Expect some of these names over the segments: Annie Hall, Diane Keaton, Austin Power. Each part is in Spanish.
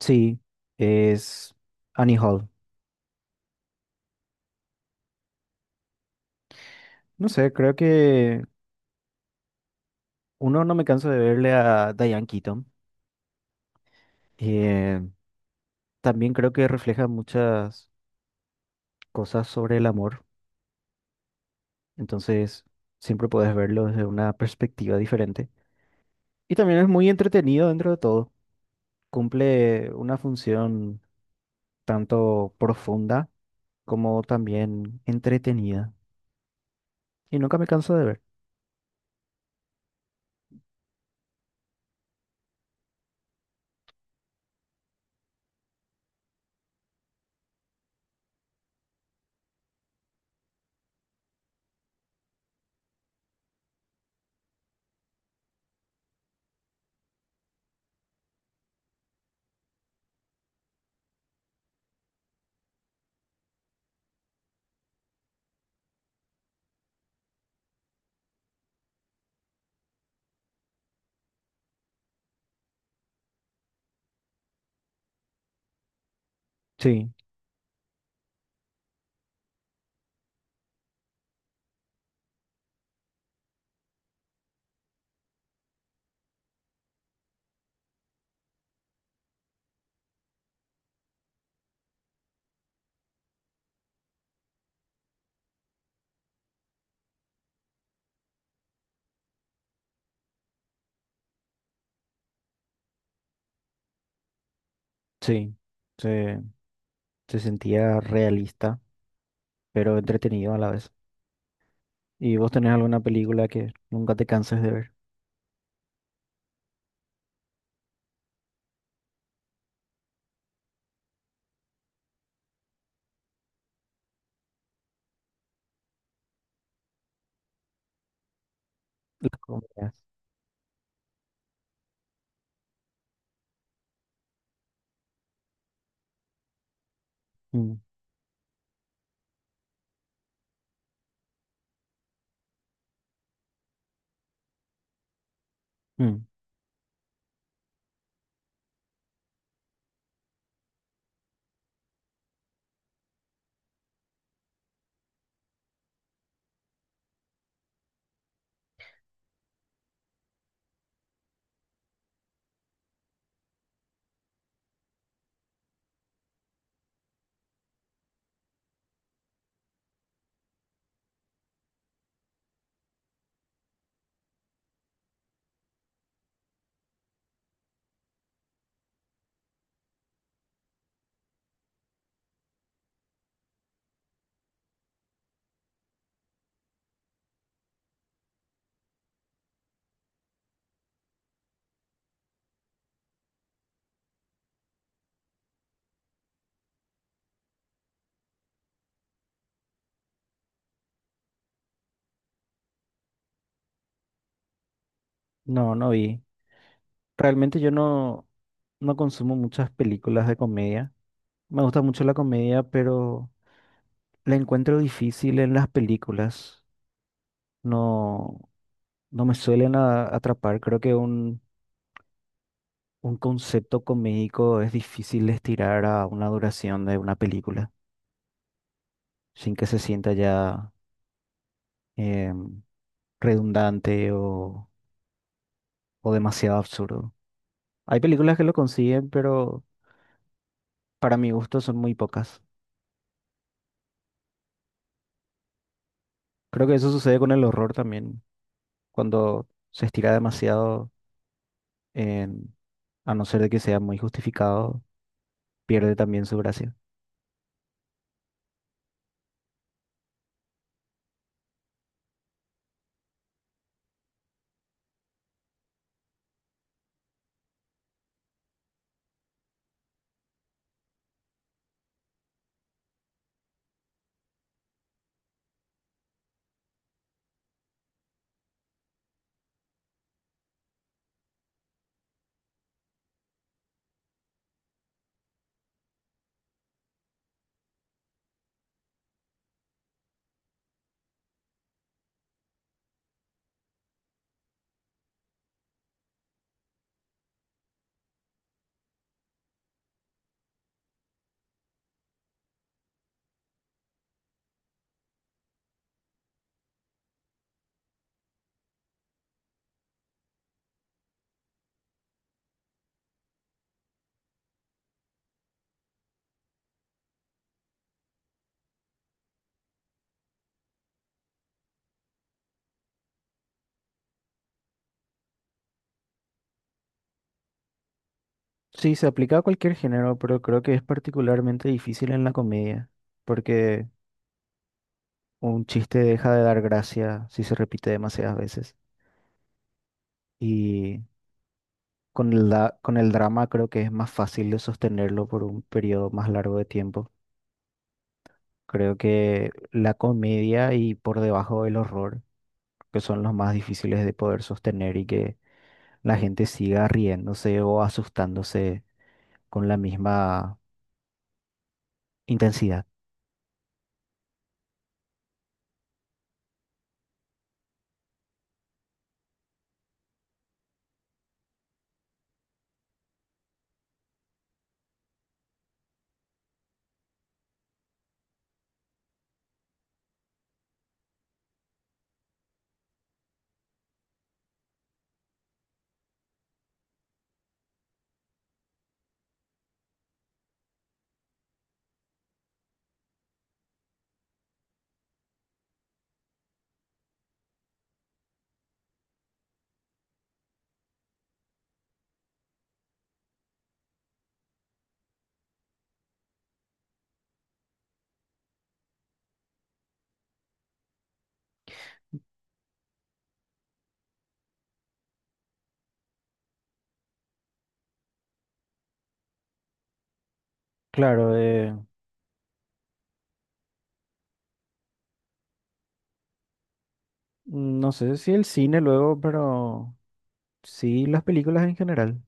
Sí, es Annie Hall. No sé, creo que uno no me canso de verle a Diane Keaton. Eh, También creo que refleja muchas cosas sobre el amor, entonces siempre puedes verlo desde una perspectiva diferente. Y también es muy entretenido dentro de todo. Cumple una función tanto profunda como también entretenida. Y nunca me canso de ver. Sí, sí, se, se sentía realista, pero entretenido a la vez. ¿Y vos tenés alguna película que nunca te canses de ver? Las comedias. Mm, mm. No, no vi. Realmente yo no, no consumo muchas películas de comedia. Me gusta mucho la comedia, pero la encuentro difícil en las películas. No, no me suelen atrapar. Creo que un concepto comédico es difícil de estirar a una duración de una película sin que se sienta ya em, redundante o demasiado absurdo. Hay películas que lo consiguen, pero para mi gusto son muy pocas. Creo que eso sucede con el horror también, cuando se estira demasiado, en- a no ser de que sea muy justificado, pierde también su gracia. Sí, se aplica a cualquier género, pero creo que es particularmente difícil en la comedia, porque un chiste deja de dar gracia si se repite demasiadas veces. Y con con el drama creo que es más fácil de sostenerlo por un periodo más largo de tiempo. Creo que la comedia y por debajo el horror, que son los más difíciles de poder sostener y que la gente siga riéndose o asustándose con la misma intensidad. Claro, no sé si el cine luego, pero sí las películas en general.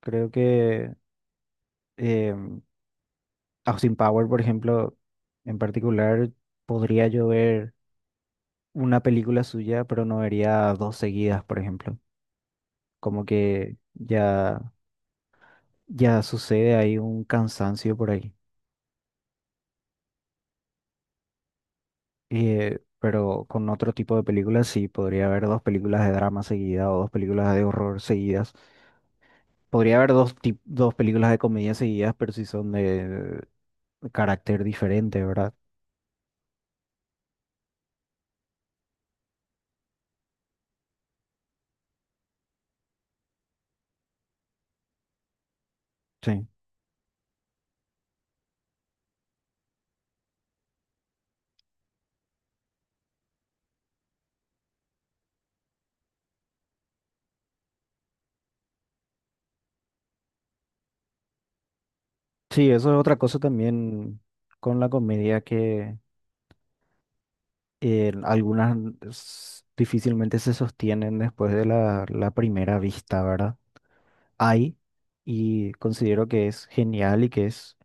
Creo que eh, Austin Power, por ejemplo, en particular, podría yo ver una película suya, pero no vería dos seguidas, por ejemplo. Como que ya... Ya sucede, hay un cansancio por ahí. Pero con otro tipo de películas sí, podría haber dos películas de drama seguidas o dos películas de horror seguidas. Podría haber dos películas de comedia seguidas, pero si son de carácter diferente, ¿verdad? Sí. Sí, eso es otra cosa también con la comedia que algunas difícilmente se sostienen después de la primera vista, ¿verdad? Hay, y considero que es genial y que es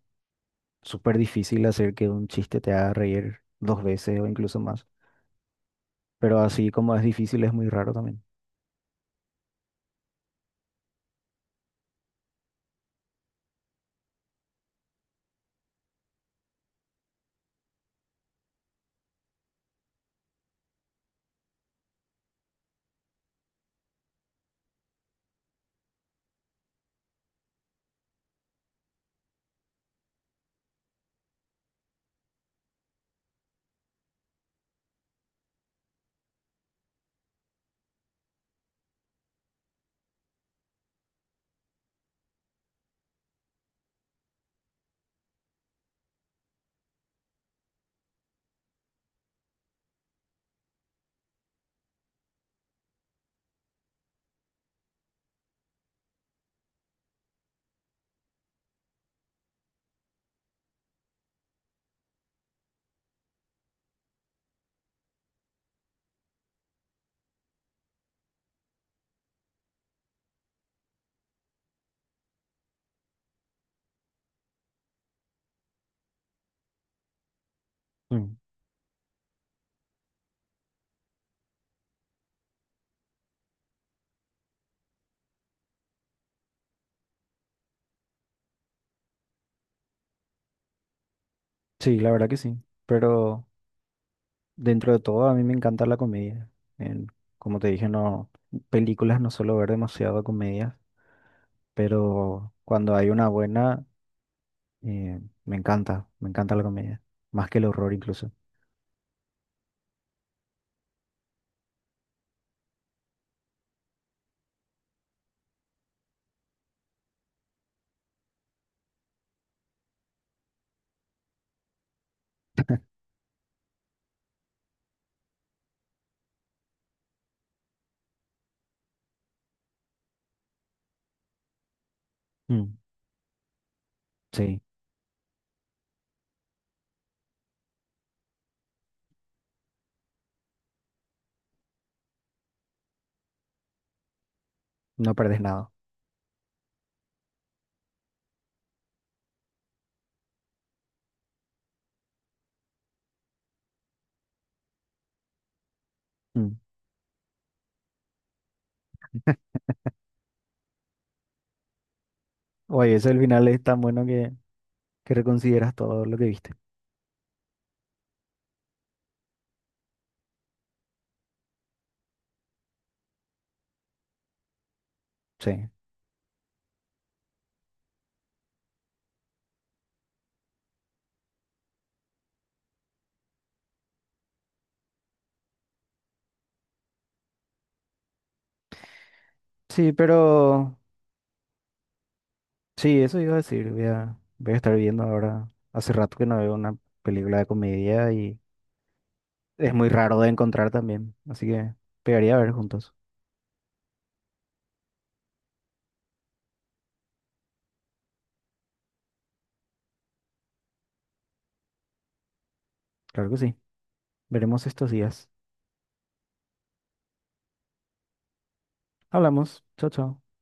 súper difícil hacer que un chiste te haga reír dos veces o incluso más. Pero así como es difícil, es muy raro también. Mm. Sí, la verdad que sí. Pero dentro de todo, a mí me encanta la comedia. En- Como te dije, no, películas no suelo ver demasiado comedia, pero cuando hay una buena, eh, me encanta la comedia. Más que el horror incluso. Mm. Sí, no perdes nada. Mm. Oye, ese el final es tan bueno que reconsideras todo lo que viste. Sí. Sí, pero sí, eso iba a decir. Voy a estar viendo ahora. Hace rato que no veo una película de comedia y es muy raro de encontrar también. Así que pegaría a ver juntos. Claro que sí. Veremos estos días. Hablamos. Chao, chao.